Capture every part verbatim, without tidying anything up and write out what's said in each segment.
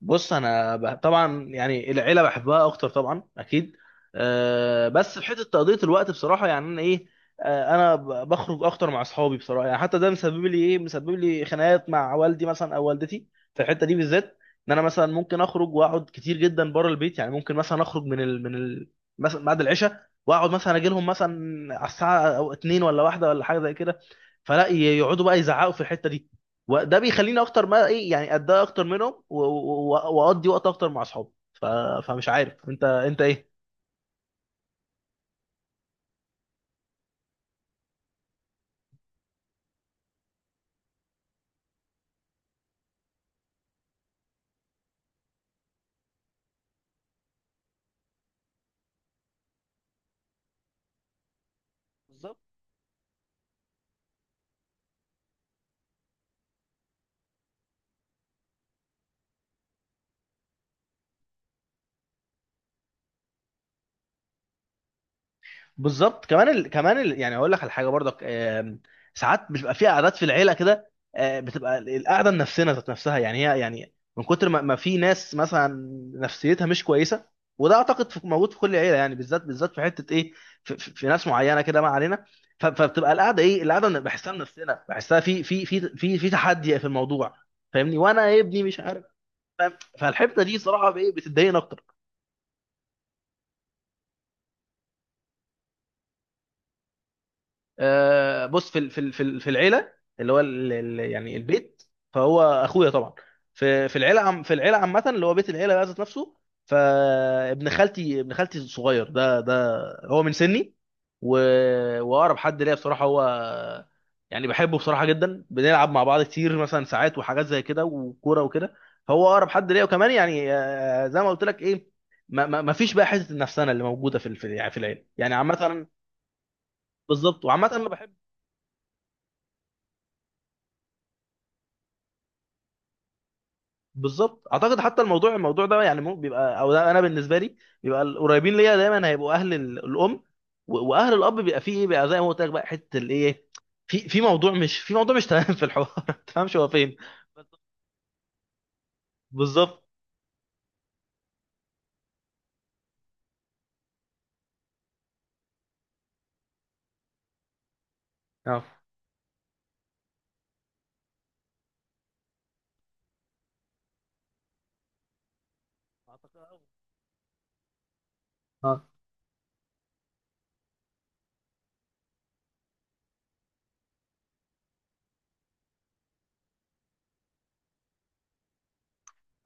بص، انا ب... طبعا يعني العيله بحبها اكتر، طبعا اكيد. أه بس في حته تقضيه الوقت بصراحه، يعني انا ايه. أه انا ب- بخرج اكتر مع اصحابي بصراحه، يعني حتى ده مسبب لي ايه مسبب لي خناقات مع والدي مثلا او والدتي في الحته دي بالذات. ان انا مثلا ممكن اخرج واقعد كتير جدا بره البيت، يعني ممكن مثلا اخرج من ال... من ال... مثلا بعد العشاء واقعد مثلا اجي لهم مثلا على الساعه او اتنين ولا واحده ولا حاجه زي كده. فلا ي- يقعدوا بقى يزعقوا في الحته دي، وده بيخليني اكتر ما ايه، يعني اتضايق اكتر منهم و- و- و- واقضي وقت اكتر مع اصحابي ف... فمش عارف انت انت ايه. بالظبط. كمان ال... كمان ال... يعني هقول لك على حاجه برضك. آم، ساعات بتبقى في قعدات في العيله كده، آه، بتبقى ال- القعده النفسيه ذات نفسها، يعني هي يعني من كتر ما ما في ناس مثلا نفسيتها مش كويسه. وده اعتقد في- موجود في كل عيله، يعني بالذات بالذات في حته ايه، في، في في ناس معينه كده، ما علينا. ف- فبتبقى القعده ايه، القعده أنا بحسها، نفسنا بحسها في في في في في تحدي في الموضوع. فاهمني؟ وانا يا ابني مش عارف. فاهم؟ فالحته دي صراحه بايه بتضايقني اكتر. آه، بص، في ال- في ال- في ال- في العيله اللي هو ال- ال- يعني البيت، فهو اخويا طبعا. في في العيله عم في العيله عامه اللي هو بيت العيله بقى ذات نفسه، فابن خالتي، ابن خالتي الصغير ده ده هو من سني و... واقرب حد ليا بصراحه هو، يعني بحبه بصراحه جدا، بنلعب مع بعض كتير مثلا ساعات وحاجات زي كده وكوره وكده. هو اقرب حد ليا، وكمان يعني، آه، زي ما قلت لك ايه، ما, ما ما فيش بقى حته النفسانه اللي موجوده في ال- في، يعني في العيله يعني عامه. بالظبط. وعامه انا بحب. بالظبط، اعتقد حتى الموضوع، الموضوع ده يعني مو- بيبقى او ده انا بالنسبه لي، بيبقى القريبين ليا دايما هيبقوا اهل ال- الام، و- واهل الاب بيبقى فيه ايه بقى، زي ما قلت لك بقى حته الايه، في في موضوع مش، في موضوع مش تمام في الحوار ما تفهمش هو فين. بالظبط. اه،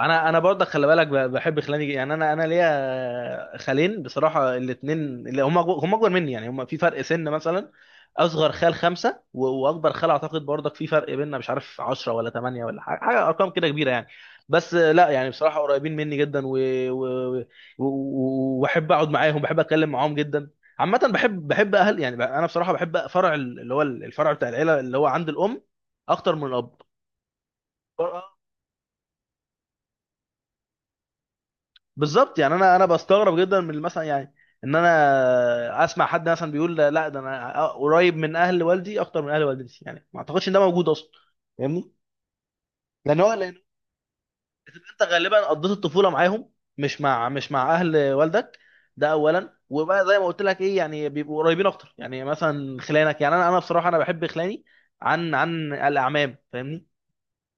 انا انا برضه خلي بالك، ب- بحب خلاني، يعني انا انا ليا خالين بصراحه، الاثنين اللي هم هم اكبر مني يعني، هم في فرق سن مثلا اصغر خال خمسه، و- واكبر خال اعتقد برضك في فرق بيننا مش عارف، عشرة ولا تمانية ولا حاجه حاجه ارقام كده كبيره يعني. بس، آه، لا يعني بصراحه قريبين مني جدا، و- و- و- و- واحب اقعد معاهم، بحب اتكلم معاهم جدا. عامه بحب، بحب اهل يعني، ب- انا بصراحه بحب فرع ال- اللي هو الفرع بتاع العيله اللي هو عند الام اكتر من الاب. بالظبط، يعني انا انا بستغرب جدا من مثلا يعني، ان انا اسمع حد مثلا بيقول لا لا، ده انا قريب من اهل والدي اكتر من اهل والدتي. يعني ما اعتقدش ان ده موجود اصلا، فاهمني؟ لان هو لان انت غالبا قضيت الطفوله معاهم، مش مع مش مع اهل والدك. ده اولا، وبقى زي ما قلت لك ايه، يعني بيبقوا قريبين اكتر، يعني مثلا خلانك، يعني انا انا بصراحه انا بحب خلاني عن عن الاعمام، فاهمني؟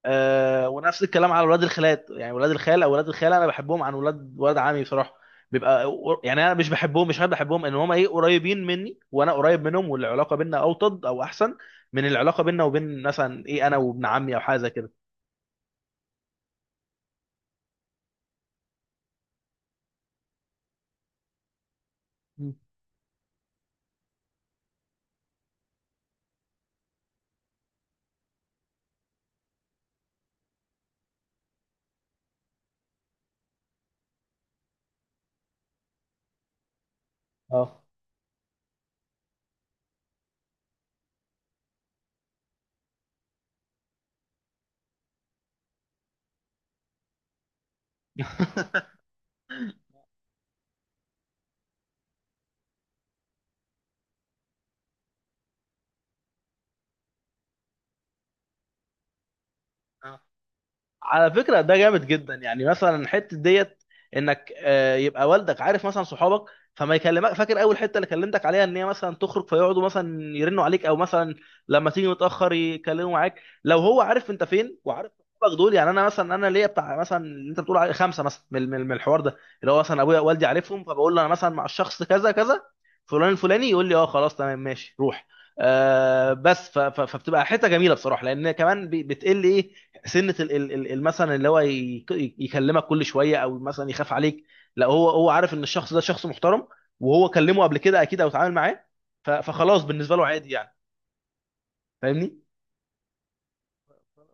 آه، ونفس الكلام على ولاد الخالات، يعني ولاد الخال او ولاد الخاله انا بحبهم عن ولاد ولاد عمي بصراحه. بيبقى يعني انا مش بحبهم، مش حابب بحبهم، ان هم ايه، قريبين مني وانا قريب منهم، والعلاقه بينا اوطد او احسن من العلاقه بينا وبين مثلا ايه، انا وابن عمي او حاجه زي كده. مم. اه. آه. على فكرة ده جامد جدا، يعني مثلا حتة ديت انك، آه، يبقى والدك عارف مثلا صحابك، فما يكلمك. فاكر اول حتة اللي كلمتك عليها ان هي مثلا تخرج، فيقعدوا مثلا يرنوا عليك او مثلا لما تيجي متأخر يكلموا معاك. لو هو عارف انت فين وعارف صحابك دول، يعني انا مثلا انا ليا بتاع مثلا اللي انت بتقول عليه خمسة مثلا من من من الحوار ده، اللي هو مثلا ابويا والدي عارفهم، فبقول له انا مثلا مع الشخص كذا كذا، فلان الفلاني، يقول لي اه خلاص تمام ماشي روح. آه، بس ف- ف- فبتبقى حته جميله بصراحه، لان كمان بي- بتقل ايه سنه ال- ال- ال- ال- مثلا اللي هو يك- يكلمك كل شويه او مثلا يخاف عليك. لا، هو هو عارف ان الشخص ده شخص محترم، وهو كلمه قبل كده اكيد او اتعامل معاه، ف- فخلاص بالنسبه له عادي يعني، فاهمني؟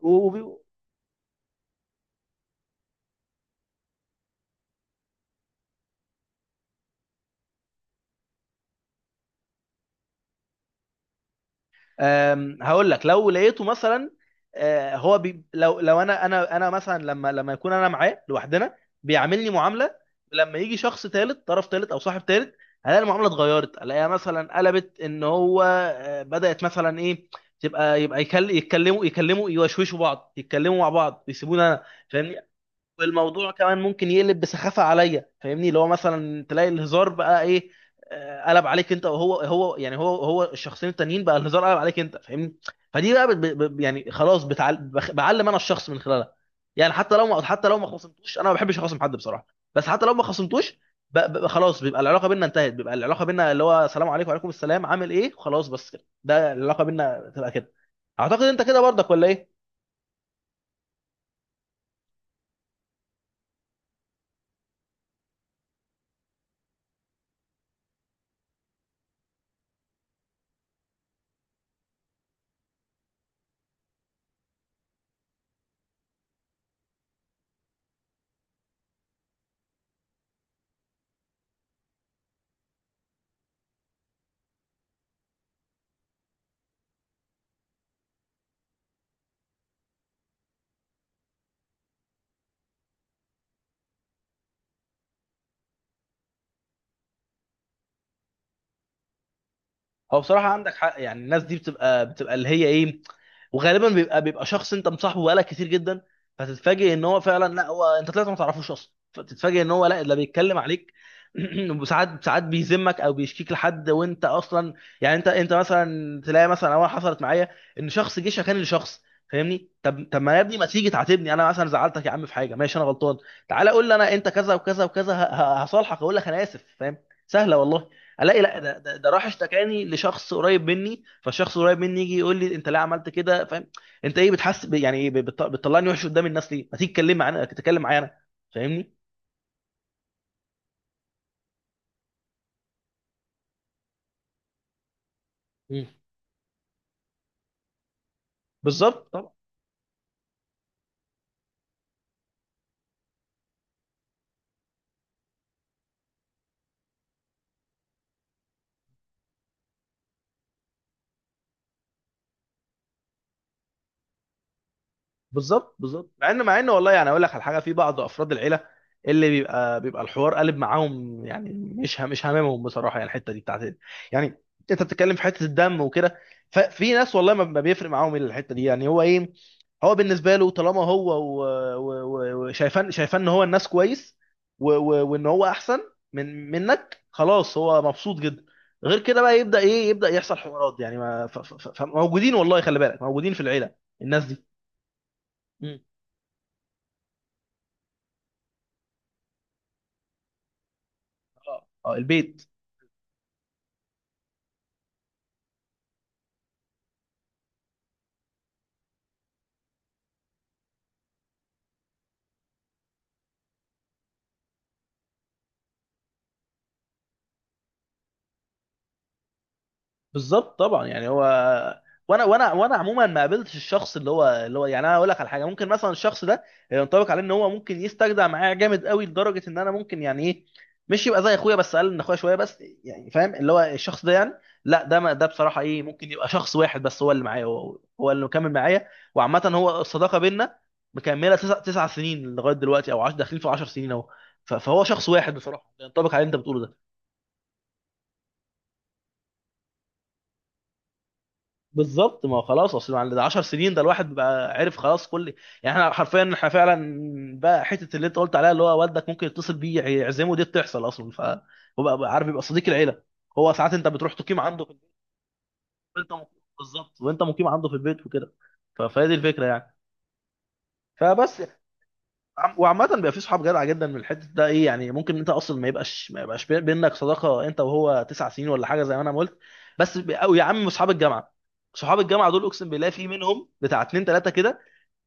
وب- أم، هقول لك، لو لقيته مثلا، آه، هو بي لو، لو انا، انا انا مثلا لما، لما يكون انا معاه لوحدنا بيعاملني معامله، لما يجي شخص ثالث، طرف ثالث او صاحب ثالث، هلاقي المعامله اتغيرت، الاقيها مثلا قلبت، ان هو آه، بدات مثلا ايه، تبقى يبقى يكل- يتكلموا، يتكلموا يوشوشوا بعض، يتكلموا مع بعض، يسيبونا. والموضوع كمان ممكن يقلب بسخافه عليا، فاهمني؟ اللي هو مثلا تلاقي الهزار بقى ايه، آه، قلب عليك انت وهو، هو يعني، هو هو الشخصين التانيين بقى، الهزار قلب عليك انت، فاهمني؟ فدي بقى بت- ب- ب- يعني خلاص بتعل... بخ- بعلم انا الشخص من خلالها. يعني حتى لو ما، حتى لو ما خصمتوش، انا ما بحبش اخصم حد بصراحه، بس حتى لو ما خصمتوش، ب... ب... خلاص بيبقى العلاقه بينا انتهت، بيبقى العلاقه بينا اللي هو سلام عليكم وعليكم السلام، عامل ايه، خلاص بس كده. ده العلاقه بينا تبقى كده، اعتقد انت كده برضك ولا ايه؟ هو بصراحة عندك حق، يعني الناس دي بتبقى، بتبقى اللي هي ايه، وغالبا بيبقى، بيبقى شخص انت مصاحبه بقالك كتير جدا، فتتفاجئ ان هو فعلا لا، هو انت طلعت ما تعرفوش اصلا، فتتفاجئ ان هو لا، ده بيتكلم عليك. وساعات ساعات بيذمك او بيشكيك لحد وانت اصلا يعني، انت، انت مثلا تلاقي مثلا اول حصلت معايا، ان شخص جه شكاني لشخص، فاهمني؟ طب طب، ما يا ابني ما تيجي تعاتبني، انا مثلا زعلتك يا عم في حاجه، ماشي انا غلطان، تعالى قول لي انا، انت كذا وكذا وكذا، ه- ه- هصالحك، اقول لك انا اسف، فاهم؟ سهله والله. الاقي لا، ده, ده, ده راح اشتكاني لشخص قريب مني، فالشخص القريب مني يجي يقول لي انت ليه عملت كده، فاهم؟ انت ايه، بتحس ب- يعني ايه، بت- بتطلعني وحش قدام الناس ليه، ما تيجي تتكلم معانا تتكلم معايا انا، فاهمني؟ مم. بالظبط طبعا. بالظبط بالظبط، مع ان، مع ان والله يعني اقول لك على حاجه، في بعض افراد العيله اللي بيبقى، بيبقى الحوار قالب معاهم، يعني مش ه- مش هاممهم بصراحه، يعني الحته دي بتاعت يعني، انت بتتكلم في حته الدم وكده، ففي ناس والله ما ما بيفرق معاهم الحته دي، يعني هو ايه، هو بالنسبه له طالما هو و- و- و- وشايفان، شايفان ان هو الناس كويس و- و- وان هو احسن من منك، خلاص هو مبسوط جدا، غير كده بقى يبدا ايه، يبدا يحصل حوارات. يعني ما ف- ف- ف- موجودين والله، خلي بالك موجودين في العيله الناس دي. مم. اه، آه، البيت. بالظبط طبعا، يعني هو، وانا وانا وانا عموما ما قابلتش الشخص اللي هو، اللي هو يعني انا اقول لك على حاجه، ممكن مثلا الشخص ده ينطبق عليه ان هو ممكن يستجدع معايا جامد قوي، لدرجه ان انا ممكن يعني ايه، مش يبقى زي اخويا، بس اقل من اخويا شويه بس، يعني فاهم اللي هو الشخص ده، يعني لا، ده، ما ده بصراحه ايه، ممكن يبقى شخص واحد بس هو اللي معايا، هو, هو اللي مكمل معايا. وعامه هو الصداقه بينا مكمله تسع، تسع سنين لغايه دلوقتي، او عش داخلين في 10 سنين اهو، ف- فهو شخص واحد بصراحه ينطبق على اللي انت بتقوله ده. بالظبط، ما هو خلاص، اصل بعد 10 سنين ده الواحد بقى عرف خلاص كل، يعني احنا حرفيا، احنا فعلا بقى حته اللي انت قلت عليها، اللي هو والدك ممكن يتصل بيه يعزمه، دي بتحصل اصلا، فهو بقى، بقى عارف يبقى صديق العيله، هو ساعات انت بتروح تقيم عنده في البيت. وانت مقيم- بالظبط، وانت مقيم عنده في البيت وكده، ف- فهي دي الفكره يعني. فبس. عم- وعامة بيبقى في صحاب جدع جدا من الحتة ده ايه، يعني ممكن انت اصلا ما يبقاش، ما يبقاش بي- بينك صداقة انت وهو تسع سنين ولا حاجة زي ما انا ما قلت، بس بي- او يا عم صحاب الجامعة، صحاب الجامعة دول اقسم بالله في منهم بتاع اتنين تلاتة كده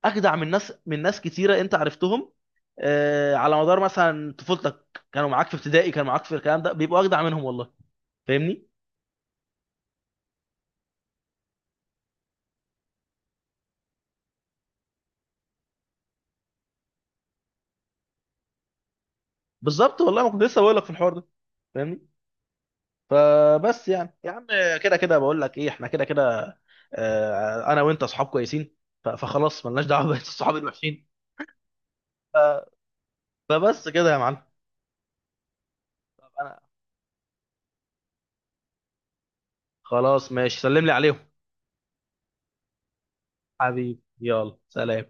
اجدع من ناس، من ناس كتيرة انت عرفتهم آه، على مدار مثلا طفولتك، كانوا معاك في ابتدائي، كانوا معاك في الكلام ده، بيبقوا اجدع منهم والله، فاهمني؟ بالظبط، والله ما كنت لسه بقول لك في الحوار ده، فاهمني؟ فبس يعني يا عم، كده كده بقول لك ايه، احنا كده كده، آه، انا وانت اصحاب كويسين، ف- فخلاص ملناش دعوه بقية الصحاب الوحشين. ف- فبس كده يا معلم. طب انا، خلاص ماشي، سلم لي عليهم. حبيبي يلا سلام.